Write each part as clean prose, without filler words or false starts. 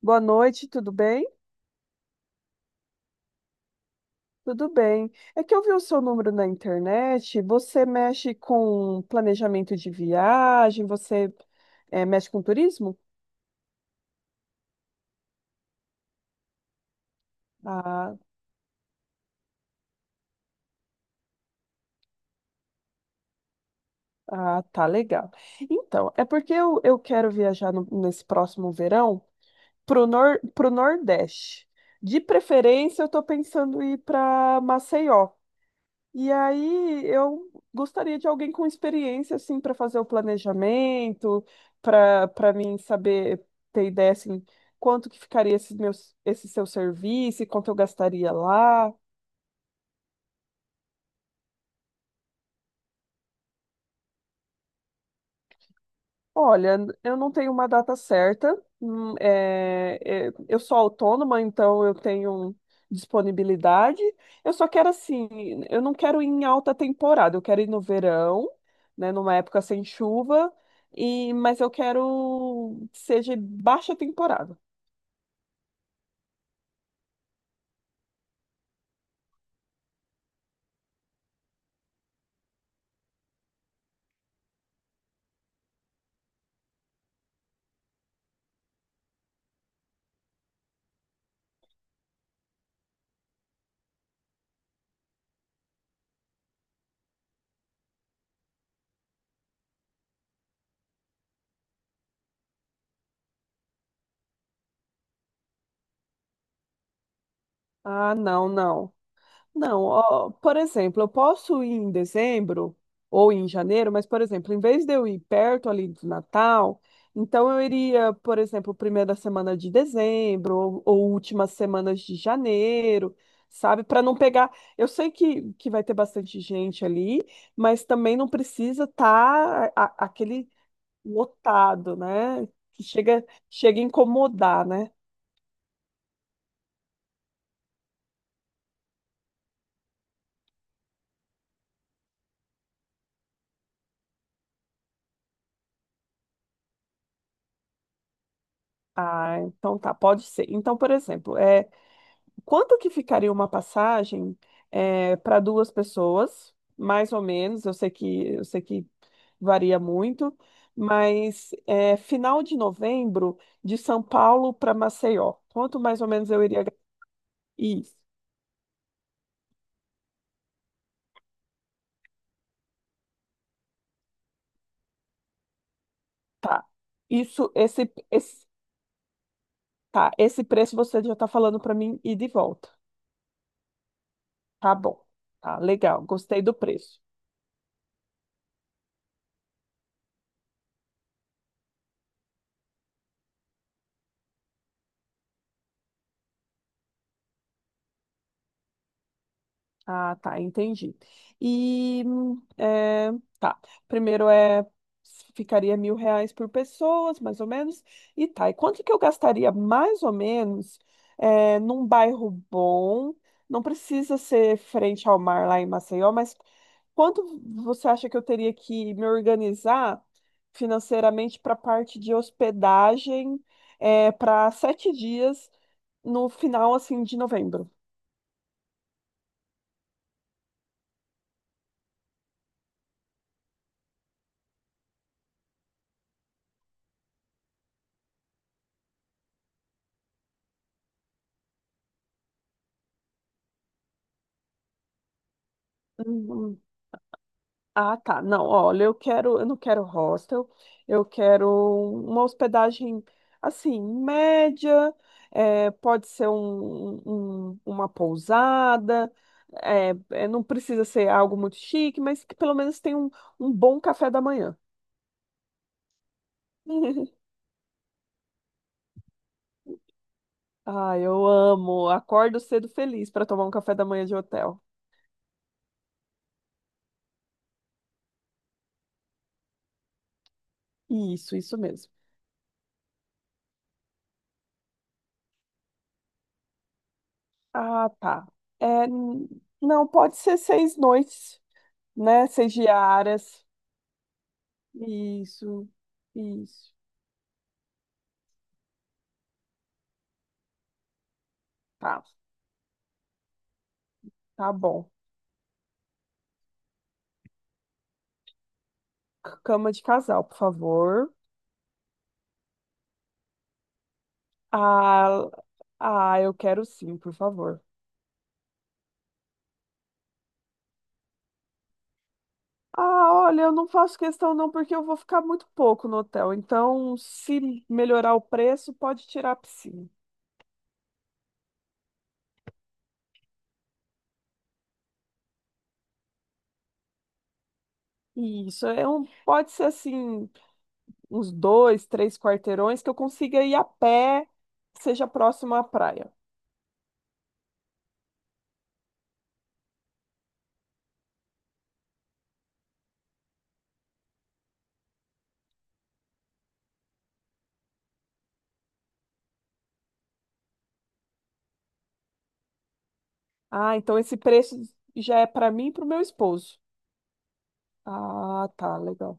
Boa noite, tudo bem? Tudo bem. É que eu vi o seu número na internet. Você mexe com planejamento de viagem? Você mexe com turismo? Ah, ah, tá legal. Então, é porque eu quero viajar nesse próximo verão pro, nor, pro Nordeste. De preferência, eu tô pensando em ir para Maceió. E aí eu gostaria de alguém com experiência assim para fazer o planejamento, para mim saber ter ideia assim quanto que ficaria esse seu serviço, e quanto eu gastaria lá. Olha, eu não tenho uma data certa. Eu sou autônoma, então eu tenho disponibilidade. Eu só quero assim, eu não quero ir em alta temporada, eu quero ir no verão, né, numa época sem chuva, mas eu quero que seja baixa temporada. Ah, não, não. Não, ó, por exemplo, eu posso ir em dezembro ou em janeiro, mas, por exemplo, em vez de eu ir perto ali do Natal, então eu iria, por exemplo, primeira semana de dezembro ou últimas semanas de janeiro, sabe? Para não pegar. Eu sei que vai ter bastante gente ali, mas também não precisa estar aquele lotado, né? Que chega, chega a incomodar, né? Ah, então tá, pode ser. Então, por exemplo, é. Quanto que ficaria uma passagem para duas pessoas, mais ou menos? Eu sei que varia muito, mas final de novembro de São Paulo para Maceió. Quanto mais ou menos eu iria? Isso, tá. Isso, esse, tá. Esse preço você já está falando para mim ir de volta. Tá bom. Tá legal. Gostei do preço. Ah, tá, entendi. E tá. Primeiro ficaria R$ 1.000 por pessoas, mais ou menos. E tá. E quanto que eu gastaria mais ou menos num bairro bom? Não precisa ser frente ao mar lá em Maceió, mas quanto você acha que eu teria que me organizar financeiramente para a parte de hospedagem, para 7 dias no final assim de novembro? Ah, tá. Não, olha, eu não quero hostel, eu quero uma hospedagem assim, média, pode ser uma pousada, não precisa ser algo muito chique, mas que pelo menos tenha um bom café da manhã. Ah, eu amo. Acordo cedo feliz para tomar um café da manhã de hotel. Isso mesmo. Ah, tá. É, n- não, pode ser 6 noites, né? 6 diárias. Isso, isso. Tá, tá bom. Cama de casal, por favor. Ah, ah, eu quero sim, por favor. Ah, olha, eu não faço questão não, porque eu vou ficar muito pouco no hotel. Então, se melhorar o preço, pode tirar a piscina. Isso, é um, pode ser assim, uns dois, três quarteirões que eu consiga ir a pé, que seja próximo à praia. Ah, então esse preço já é para mim e para o meu esposo. Ah, tá, legal.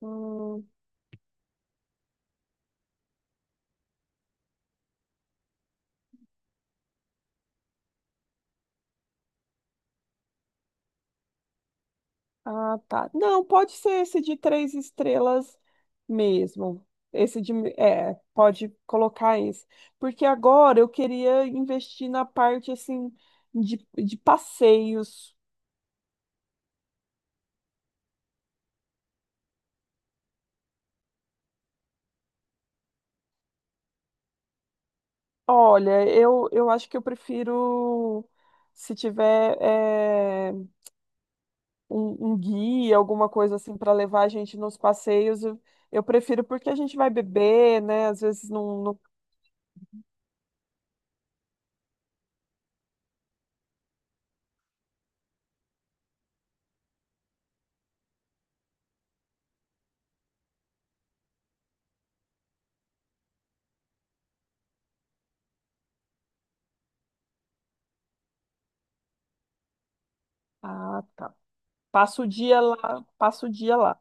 Hum. Ah, tá. Não, pode ser esse de três estrelas mesmo. Esse de, pode colocar esse. Porque agora eu queria investir na parte assim de passeios. Olha, eu acho que eu prefiro se tiver um guia, alguma coisa assim para levar a gente nos passeios, eu prefiro porque a gente vai beber, né? Às vezes não. Ah, tá. Passa o dia lá, passa o dia lá.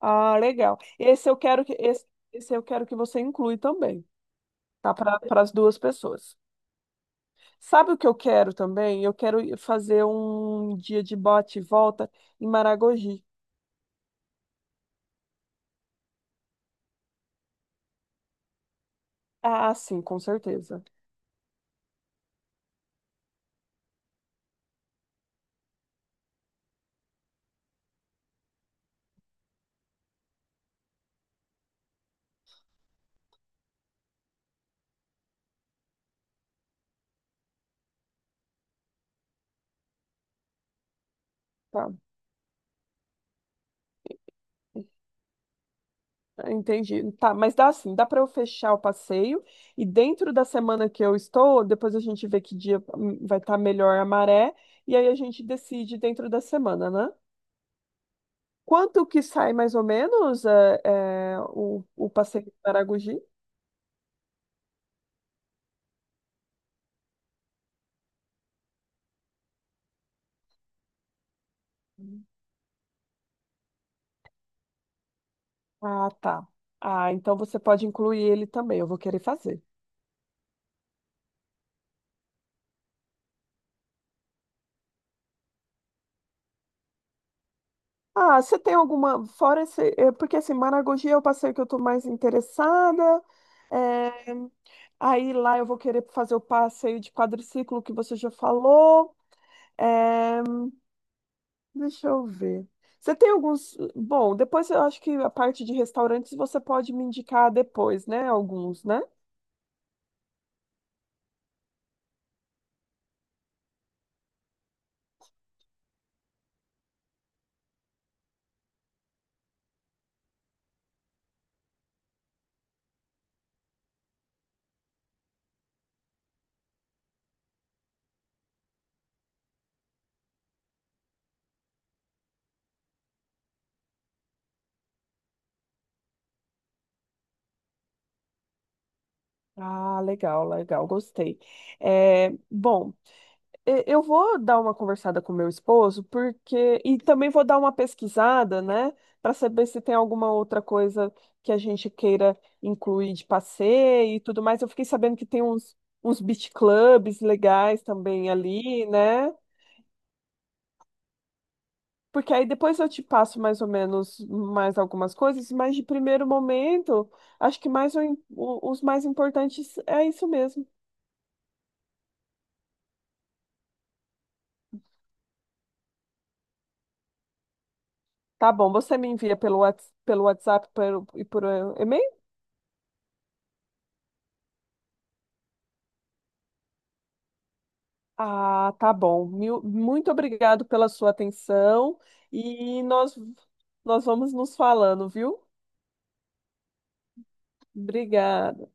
Ah, legal. Esse eu quero que você inclui também, tá? Para as duas pessoas. Sabe o que eu quero também? Eu quero ir fazer um dia de bate e volta em Maragogi. Ah, sim, com certeza. Tá, entendi. Tá, mas dá para eu fechar o passeio e dentro da semana que eu estou, depois a gente vê que dia vai estar melhor a maré e aí a gente decide dentro da semana, né? Quanto que sai mais ou menos o passeio de Maragogi? Ah, tá. Ah, então você pode incluir ele também, eu vou querer fazer. Ah, você tem alguma, fora esse, porque assim, Maragogi é o passeio que eu estou mais interessada, é, aí lá eu vou querer fazer o passeio de quadriciclo que você já falou, é, deixa eu ver. Bom, depois eu acho que a parte de restaurantes você pode me indicar depois, né, alguns, né? Ah, legal, legal, gostei. É, bom. Eu vou dar uma conversada com meu esposo, porque. E também vou dar uma pesquisada, né? Para saber se tem alguma outra coisa que a gente queira incluir de passeio e tudo mais. Eu fiquei sabendo que tem uns beach clubs legais também ali, né? Porque aí depois eu te passo mais ou menos mais algumas coisas, mas de primeiro momento, acho que mais os mais importantes é isso mesmo. Tá bom, você me envia pelo WhatsApp e por e-mail? Ah, tá bom. Muito obrigado pela sua atenção e nós vamos nos falando, viu? Obrigada.